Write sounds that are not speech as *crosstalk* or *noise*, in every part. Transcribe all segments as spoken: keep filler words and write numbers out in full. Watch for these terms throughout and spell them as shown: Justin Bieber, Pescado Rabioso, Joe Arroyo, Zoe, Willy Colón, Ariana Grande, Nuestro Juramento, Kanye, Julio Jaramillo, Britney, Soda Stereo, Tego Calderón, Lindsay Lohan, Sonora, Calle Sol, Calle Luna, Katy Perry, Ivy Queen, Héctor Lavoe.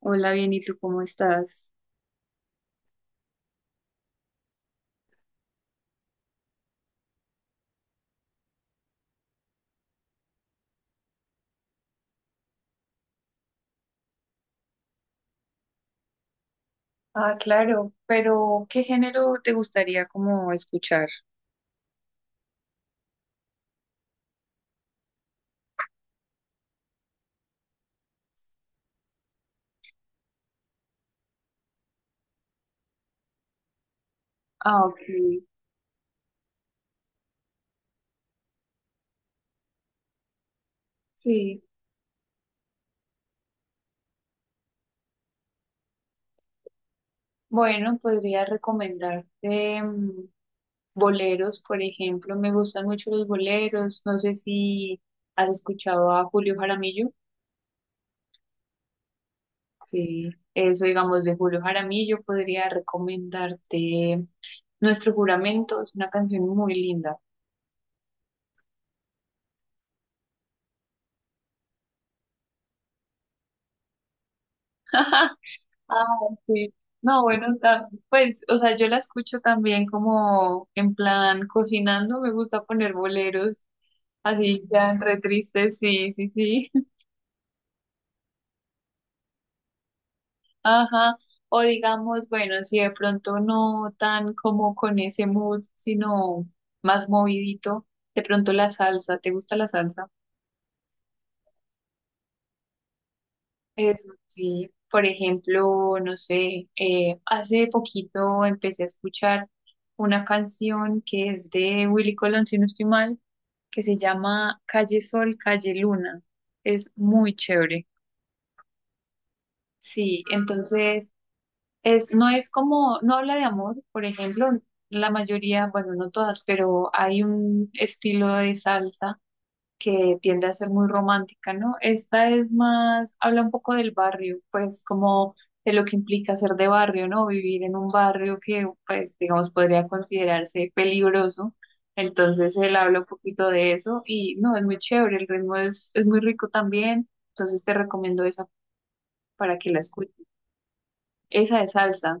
Hola, bien, ¿y tú cómo estás? Ah, claro, pero ¿qué género te gustaría como escuchar? Ah, ok. Sí, bueno, podría recomendarte mm, boleros, por ejemplo. Me gustan mucho los boleros. No sé si has escuchado a Julio Jaramillo. Sí. Eso, digamos, de Julio Jaramillo, podría recomendarte Nuestro Juramento. Es una canción muy linda. *laughs* Ah, sí. No, bueno, ta- pues, o sea, yo la escucho también como en plan cocinando, me gusta poner boleros así ya re tristes, sí, sí, sí. *laughs* Ajá. O digamos, bueno, si de pronto no tan como con ese mood, sino más movidito, de pronto la salsa, ¿te gusta la salsa? Eso sí, por ejemplo, no sé, eh, hace poquito empecé a escuchar una canción que es de Willy Colón, si no estoy mal, que se llama Calle Sol, Calle Luna. Es muy chévere. Sí, entonces es, no es como, no habla de amor, por ejemplo, la mayoría, bueno, no todas, pero hay un estilo de salsa que tiende a ser muy romántica, ¿no? Esta es más, habla un poco del barrio, pues como de lo que implica ser de barrio, ¿no? Vivir en un barrio que, pues, digamos, podría considerarse peligroso. Entonces él habla un poquito de eso y no, es muy chévere, el ritmo es, es muy rico también, entonces te recomiendo esa para que la escuches. Esa es salsa.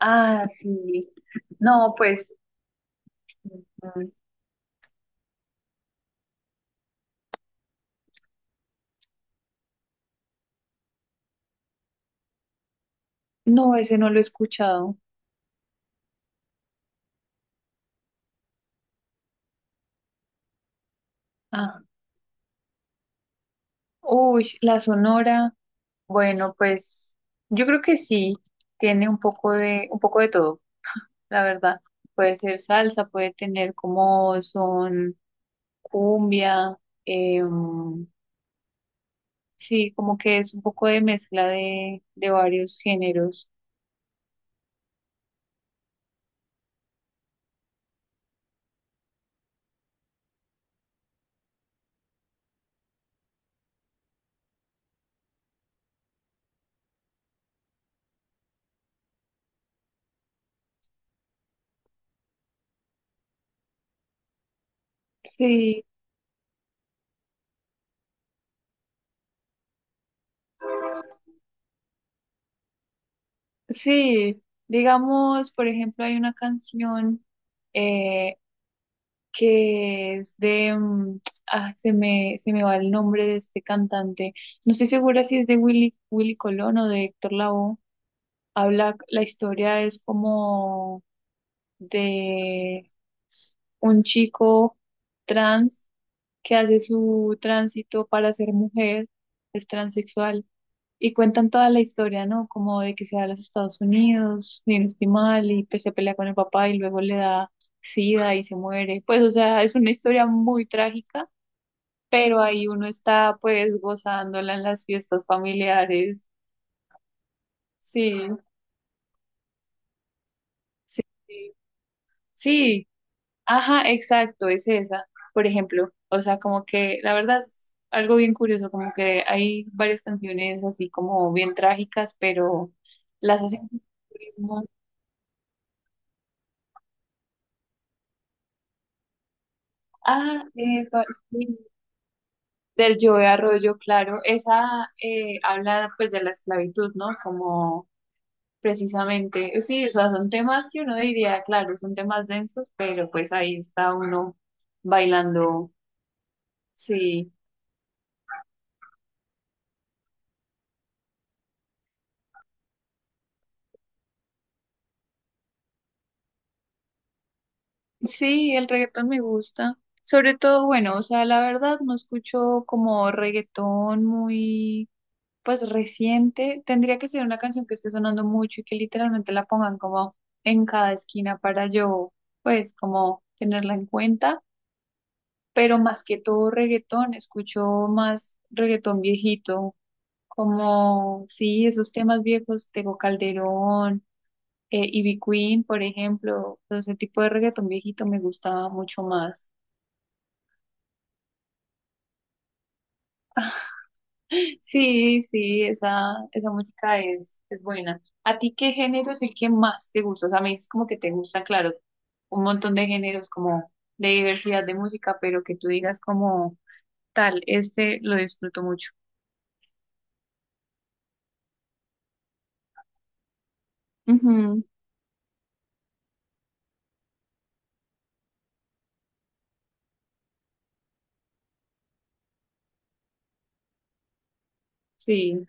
Ah, sí. No, pues, mm, no, ese no lo he escuchado. Ah, uy, la Sonora. Bueno, pues yo creo que sí, tiene un poco de, un poco de todo, la verdad. Puede ser salsa, puede tener como son cumbia, eh, sí, como que es un poco de mezcla de, de varios géneros. Sí, sí, digamos, por ejemplo, hay una canción eh, que es de, mm, ah, se me, se me va el nombre de este cantante, no estoy segura si es de Willy, Willy Colón o de Héctor Lavoe. Habla, la historia es como de un chico trans que hace su tránsito para ser mujer, es transexual, y cuentan toda la historia, ¿no? Como de que se va a los Estados Unidos, ni no estoy mal, y pues se pelea con el papá y luego le da sida y se muere. Pues, o sea, es una historia muy trágica, pero ahí uno está pues gozándola en las fiestas familiares. Sí, sí, sí, sí, ajá, exacto, es esa, por ejemplo. O sea, como que la verdad es algo bien curioso, como que hay varias canciones así como bien trágicas, pero las hacen con ritmos- ah, eh, pa- sí, del Joe Arroyo, claro. Esa eh, habla pues de la esclavitud, ¿no? Como precisamente, sí, o sea, son temas que uno diría, claro, son temas densos, pero pues ahí está uno bailando, sí. Sí, el reggaetón me gusta. Sobre todo, bueno, o sea, la verdad no escucho como reggaetón muy, pues reciente. Tendría que ser una canción que esté sonando mucho y que literalmente la pongan como en cada esquina para yo, pues, como tenerla en cuenta. Pero más que todo reggaetón, escucho más reggaetón viejito, como, sí, esos temas viejos, Tego Calderón, eh, Ivy Queen, por ejemplo. Entonces, ese tipo de reggaetón viejito me gusta mucho más. Sí, sí, esa, esa música es, es buena. ¿A ti qué género es el que más te gusta? O sea, me dices como que te gusta, claro, un montón de géneros como de diversidad de música, pero que tú digas como tal, este lo disfruto mucho. Ujú, sí,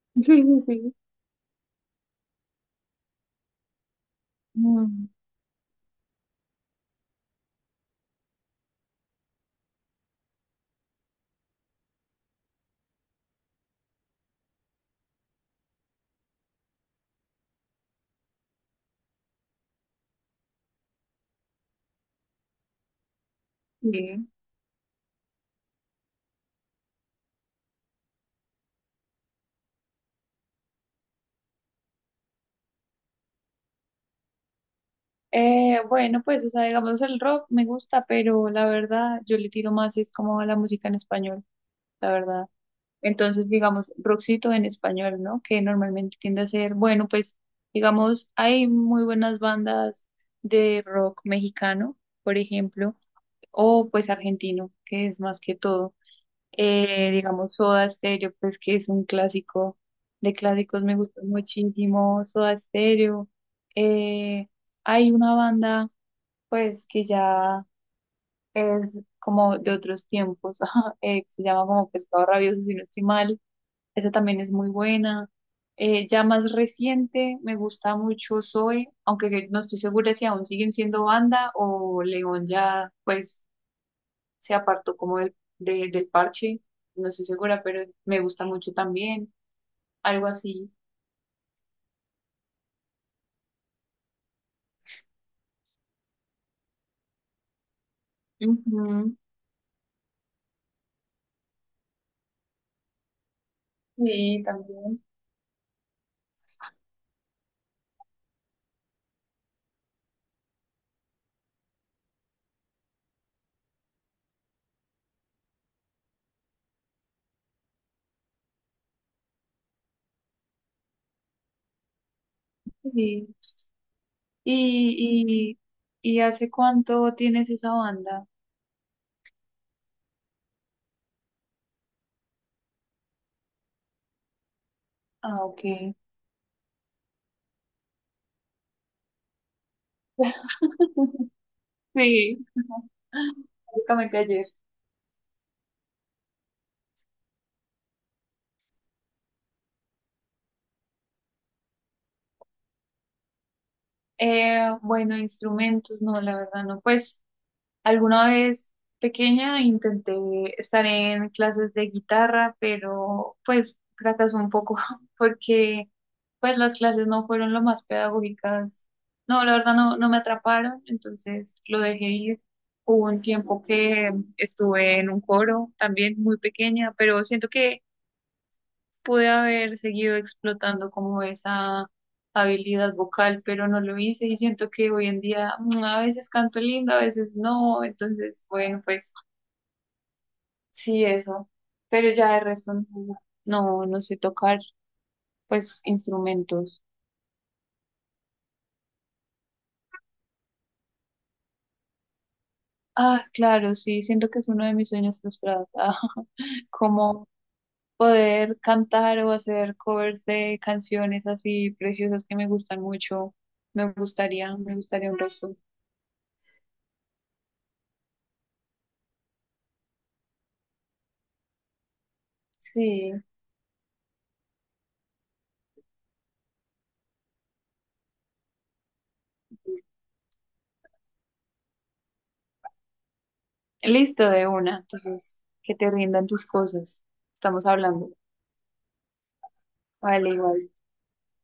*laughs* sí, sí, sí. Mm, sí. Eh, bueno, pues, o sea, digamos, el rock me gusta, pero la verdad, yo le tiro más, es como a la música en español, la verdad. Entonces, digamos, rockcito en español, ¿no? Que normalmente tiende a ser, bueno, pues, digamos, hay muy buenas bandas de rock mexicano, por ejemplo, o pues argentino, que es más que todo. Eh, digamos, Soda Stereo, pues que es un clásico de clásicos, me gusta muchísimo Soda Stereo. Eh, hay una banda, pues, que ya es como de otros tiempos, *laughs* eh, que se llama como Pescado Rabioso, si no estoy mal esa también es muy buena. Eh, ya más reciente, me gusta mucho Zoe, aunque que no estoy segura si aún siguen siendo banda o León ya pues se apartó como del, de- del parche, no estoy segura, pero me gusta mucho también, algo así. Ujú, sí, también. Sí. ¿Y, y, y hace cuánto tienes esa banda? Ah, ok. *laughs* Sí, básicamente ayer. Eh, bueno, instrumentos, no, la verdad no. Pues alguna vez pequeña intenté estar en clases de guitarra, pero pues fracasó un poco *laughs* porque pues las clases no fueron lo más pedagógicas. No, la verdad no, no me atraparon, entonces lo dejé ir. Hubo un tiempo que estuve en un coro también muy pequeña, pero siento que pude haber seguido explotando como esa habilidad vocal, pero no lo hice y siento que hoy en día mm, a veces canto lindo, a veces no, entonces bueno, pues sí, eso, pero ya de resto no, no, no sé tocar pues instrumentos. Ah, claro, sí, siento que es uno de mis sueños frustrados, *laughs* ah, como poder cantar o hacer covers de canciones así preciosas que me gustan mucho, me gustaría, me gustaría un resto. Sí. Listo, de una. Entonces, que te rindan tus cosas. Estamos hablando. Vale, igual.